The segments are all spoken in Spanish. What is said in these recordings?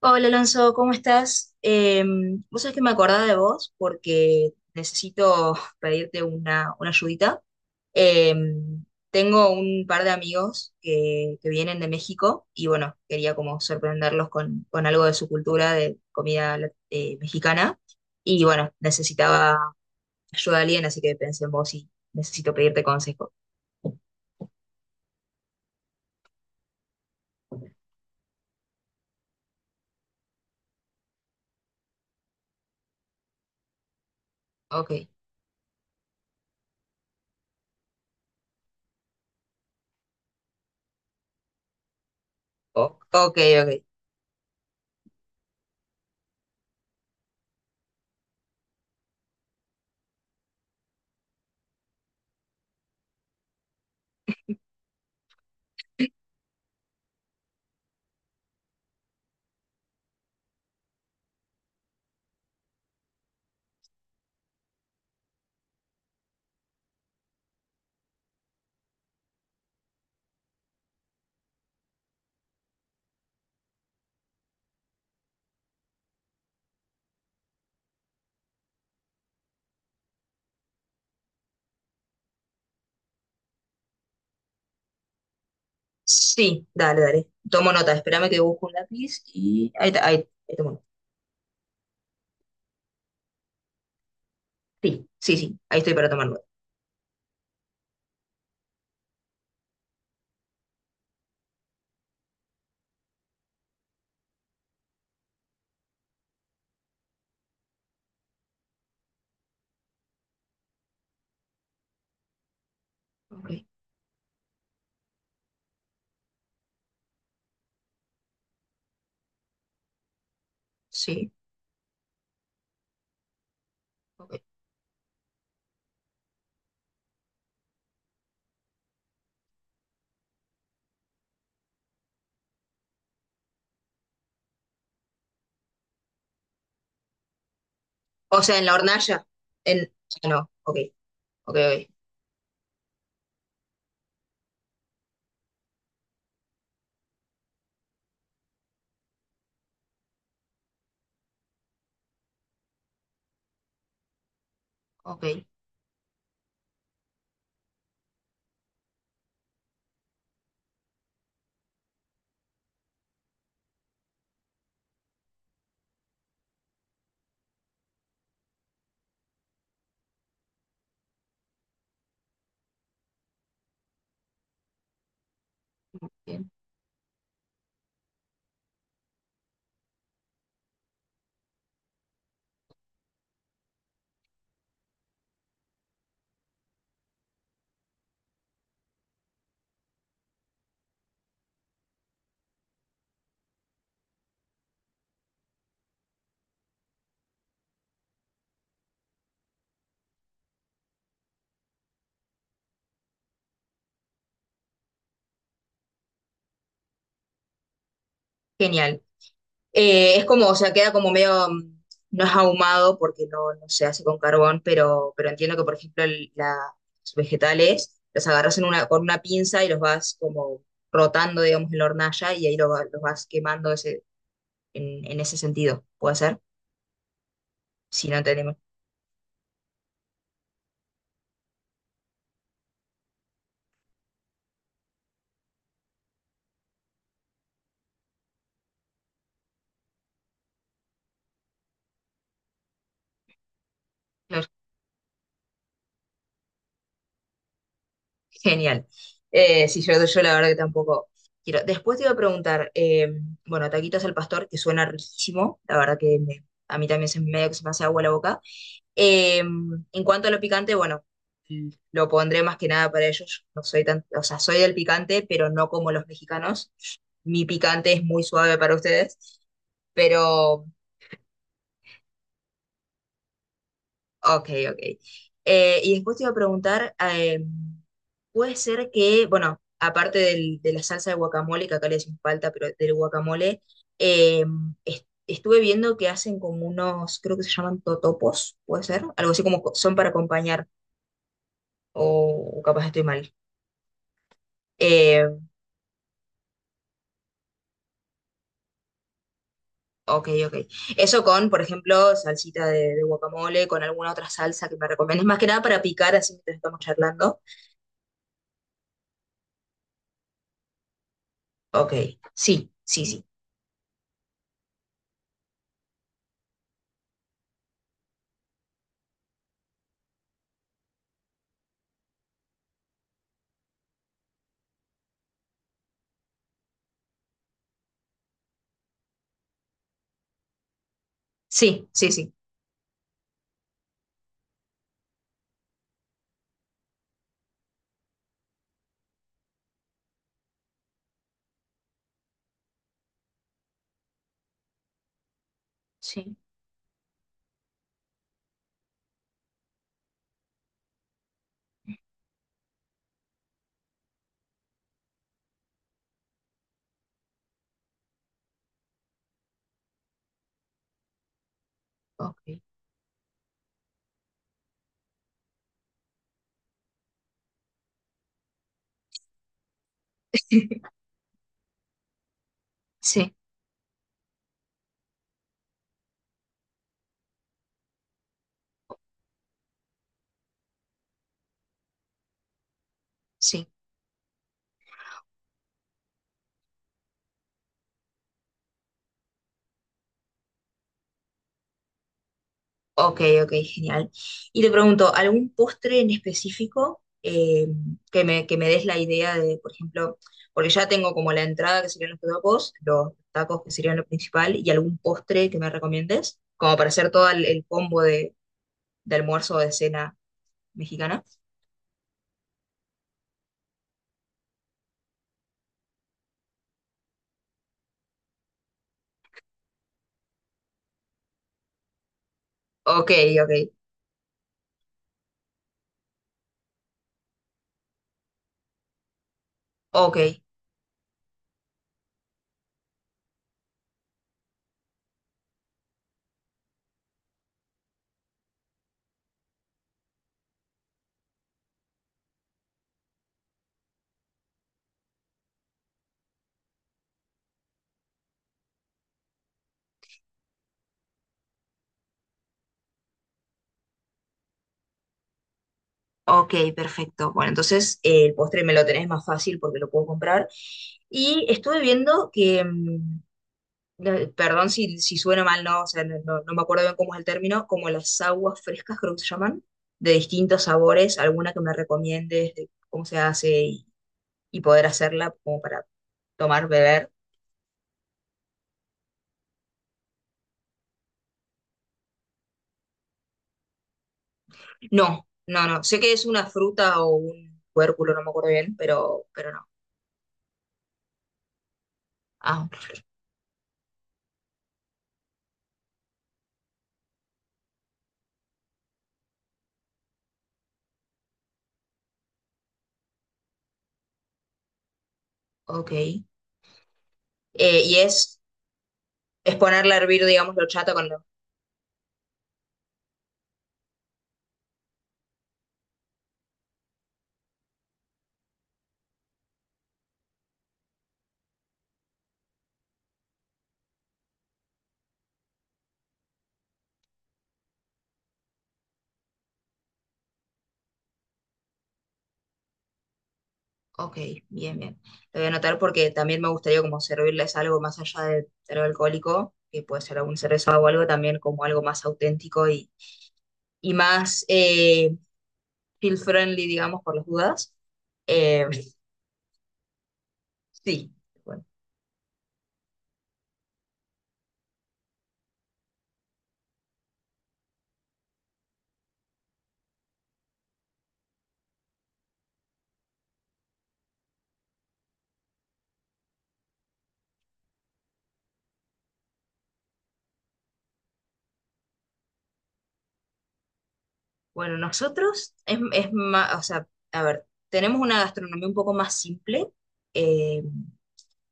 Hola Alonso, ¿cómo estás? Vos sabés que me acordaba de vos porque necesito pedirte una ayudita. Eh, Tengo un par de amigos que vienen de México y bueno, quería como sorprenderlos con algo de su cultura, de comida mexicana. Y bueno, necesitaba ayuda de alguien, así que pensé en vos y necesito pedirte consejo. Ok, o- ok, ok. Sí, dale, dale. Tomo nota, espérame que busco un lápiz y ahí tomo. Sí, sí, sí, ahí estoy para tomar nota. Ok, sí, ok. O sea, en la hornalla. En... ah, no, ok, ok, ok, ok, bien. Genial. Es como, o sea, queda como medio, no es ahumado porque no, no se hace con carbón, pero entiendo que, por ejemplo, los vegetales los agarras en una, con una pinza y los vas como rotando, digamos, en la hornalla y ahí los vas quemando ese, en ese sentido. ¿Puede ser? Si no entendemos. Genial. Sí, yo la verdad que tampoco quiero. Después te iba a preguntar, bueno, taquitos al pastor, que suena riquísimo, la verdad que a mí también se, medio que se me hace agua la boca. En cuanto a lo picante, bueno, lo pondré más que nada para ellos. No soy tan, o sea, soy del picante, pero no como los mexicanos. Mi picante es muy suave para ustedes, pero ok, ok. Y después te iba a preguntar, puede ser que, bueno, aparte de la salsa de guacamole, que acá le decimos palta, pero del guacamole, eh, estuve viendo que hacen como unos, creo que se llaman totopos, puede ser, algo así como son para acompañar, o capaz estoy mal. Eh, ok, ok. Eso con, por ejemplo, salsita de guacamole, con alguna otra salsa que me recomiendes, más que nada para picar, así mientras estamos charlando. Ok, sí, sí, sí, sí, sí, sí. Sí. Ok. Sí, sí. Ok, ok, genial. Y te pregunto, ¿algún postre en específico, que que me des la idea de, por ejemplo, porque ya tengo como la entrada que serían los tacos que serían lo principal, y algún postre que me recomiendes, como para hacer todo el combo de almuerzo o de cena mexicana? Ok, ok, ok, ok, perfecto. Bueno, entonces el postre me lo tenés más fácil porque lo puedo comprar. Y estuve viendo que... perdón si, si suena mal, no, o sea, no, no me acuerdo bien cómo es el término, como las aguas frescas, creo que se llaman, de distintos sabores, alguna que me recomiendes de cómo se hace y poder hacerla como para tomar, beber. No, no, no, sé que es una fruta o un cuérculo, no me acuerdo bien, pero no. Ah, ok. Y es ponerla a hervir, digamos, la horchata con, ok, bien, bien. Lo voy a anotar porque también me gustaría como servirles algo más allá de algo alcohólico, que puede ser algún cerveza o algo, también como algo más auténtico y más feel friendly, digamos, por las dudas. Eh, sí, bueno. Bueno, nosotros es más, o sea, a ver, tenemos una gastronomía un poco más simple. eh,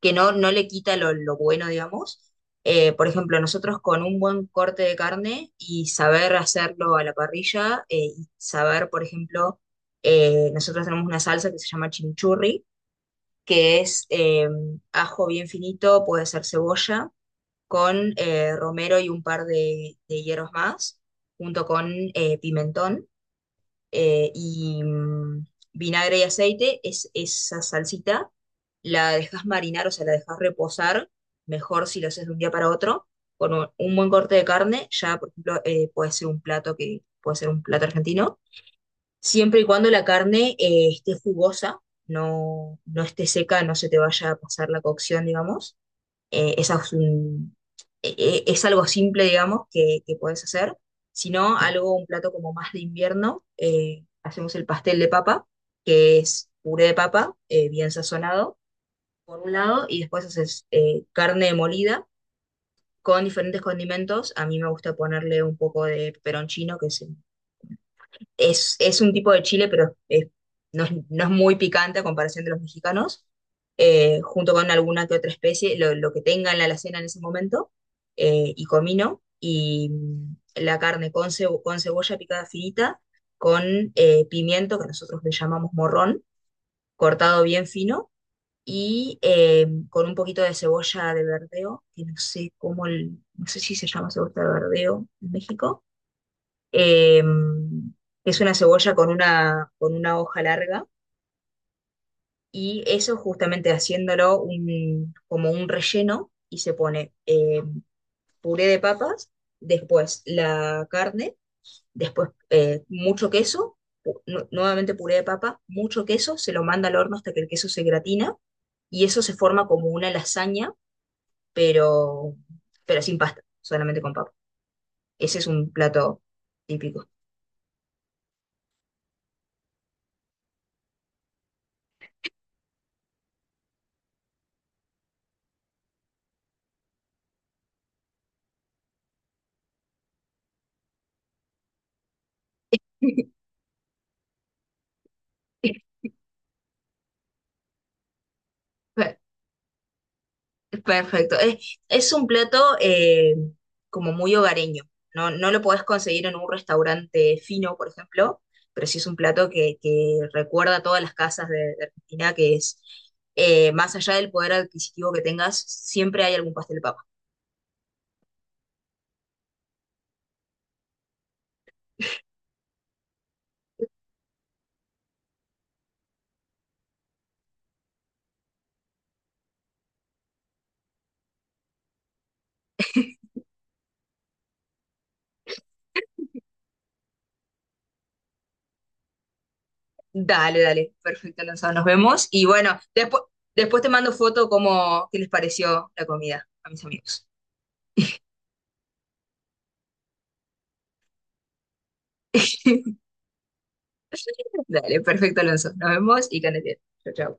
que no, no le quita lo bueno, digamos. Por ejemplo, nosotros con un buen corte de carne y saber hacerlo a la parrilla, y saber, por ejemplo, nosotros tenemos una salsa que se llama chimichurri, que es ajo bien finito, puede ser cebolla, con romero y un par de hierbas más, junto con pimentón, eh, y mm, vinagre y aceite, es esa salsita, la dejas marinar, o sea, la dejas reposar, mejor si lo haces de un día para otro, con un buen corte de carne, ya por ejemplo puede ser un plato que puede ser un plato argentino, siempre y cuando la carne esté jugosa, no, no esté seca, no se te vaya a pasar la cocción, digamos. Esa es, un- e- e- Es algo simple, digamos, que podés hacer, sino algo, un plato como más de invierno. Hacemos el pastel de papa, que es puré de papa, bien sazonado, por un lado, y después haces carne molida con diferentes condimentos. A mí me gusta ponerle un poco de peperoncino, que es es un tipo de chile, no es muy picante a comparación de los mexicanos, junto con alguna que otra especie, lo que tenga en la alacena en ese momento, y comino, la carne con cebolla picada finita, con pimiento, que nosotros le llamamos morrón, cortado bien fino, y con un poquito de cebolla de verdeo, que no sé cómo, no sé si se llama cebolla de verdeo en México. eh, es una cebolla con una hoja larga, y eso justamente haciéndolo como un relleno, y se pone puré de papas, después la carne, después mucho queso, nuevamente puré de papa, mucho queso, se lo manda al horno hasta que el queso se gratina y eso se forma como una lasaña, pero, pero sin pasta, solamente con papa. Ese es un plato típico. Perfecto. Es un plato como muy hogareño. No, no lo podés conseguir en un restaurante fino, por ejemplo, pero sí es un plato que recuerda a todas las casas de Argentina, que es, más allá del poder adquisitivo que tengas, siempre hay algún pastel de papa. Dale, dale. Perfecto, Lanzado. Nos vemos. Y bueno, después, después te mando foto como qué les pareció la comida a mis amigos. Dale, perfecto, Alonso. Nos vemos y que andes bien. Chau, chau.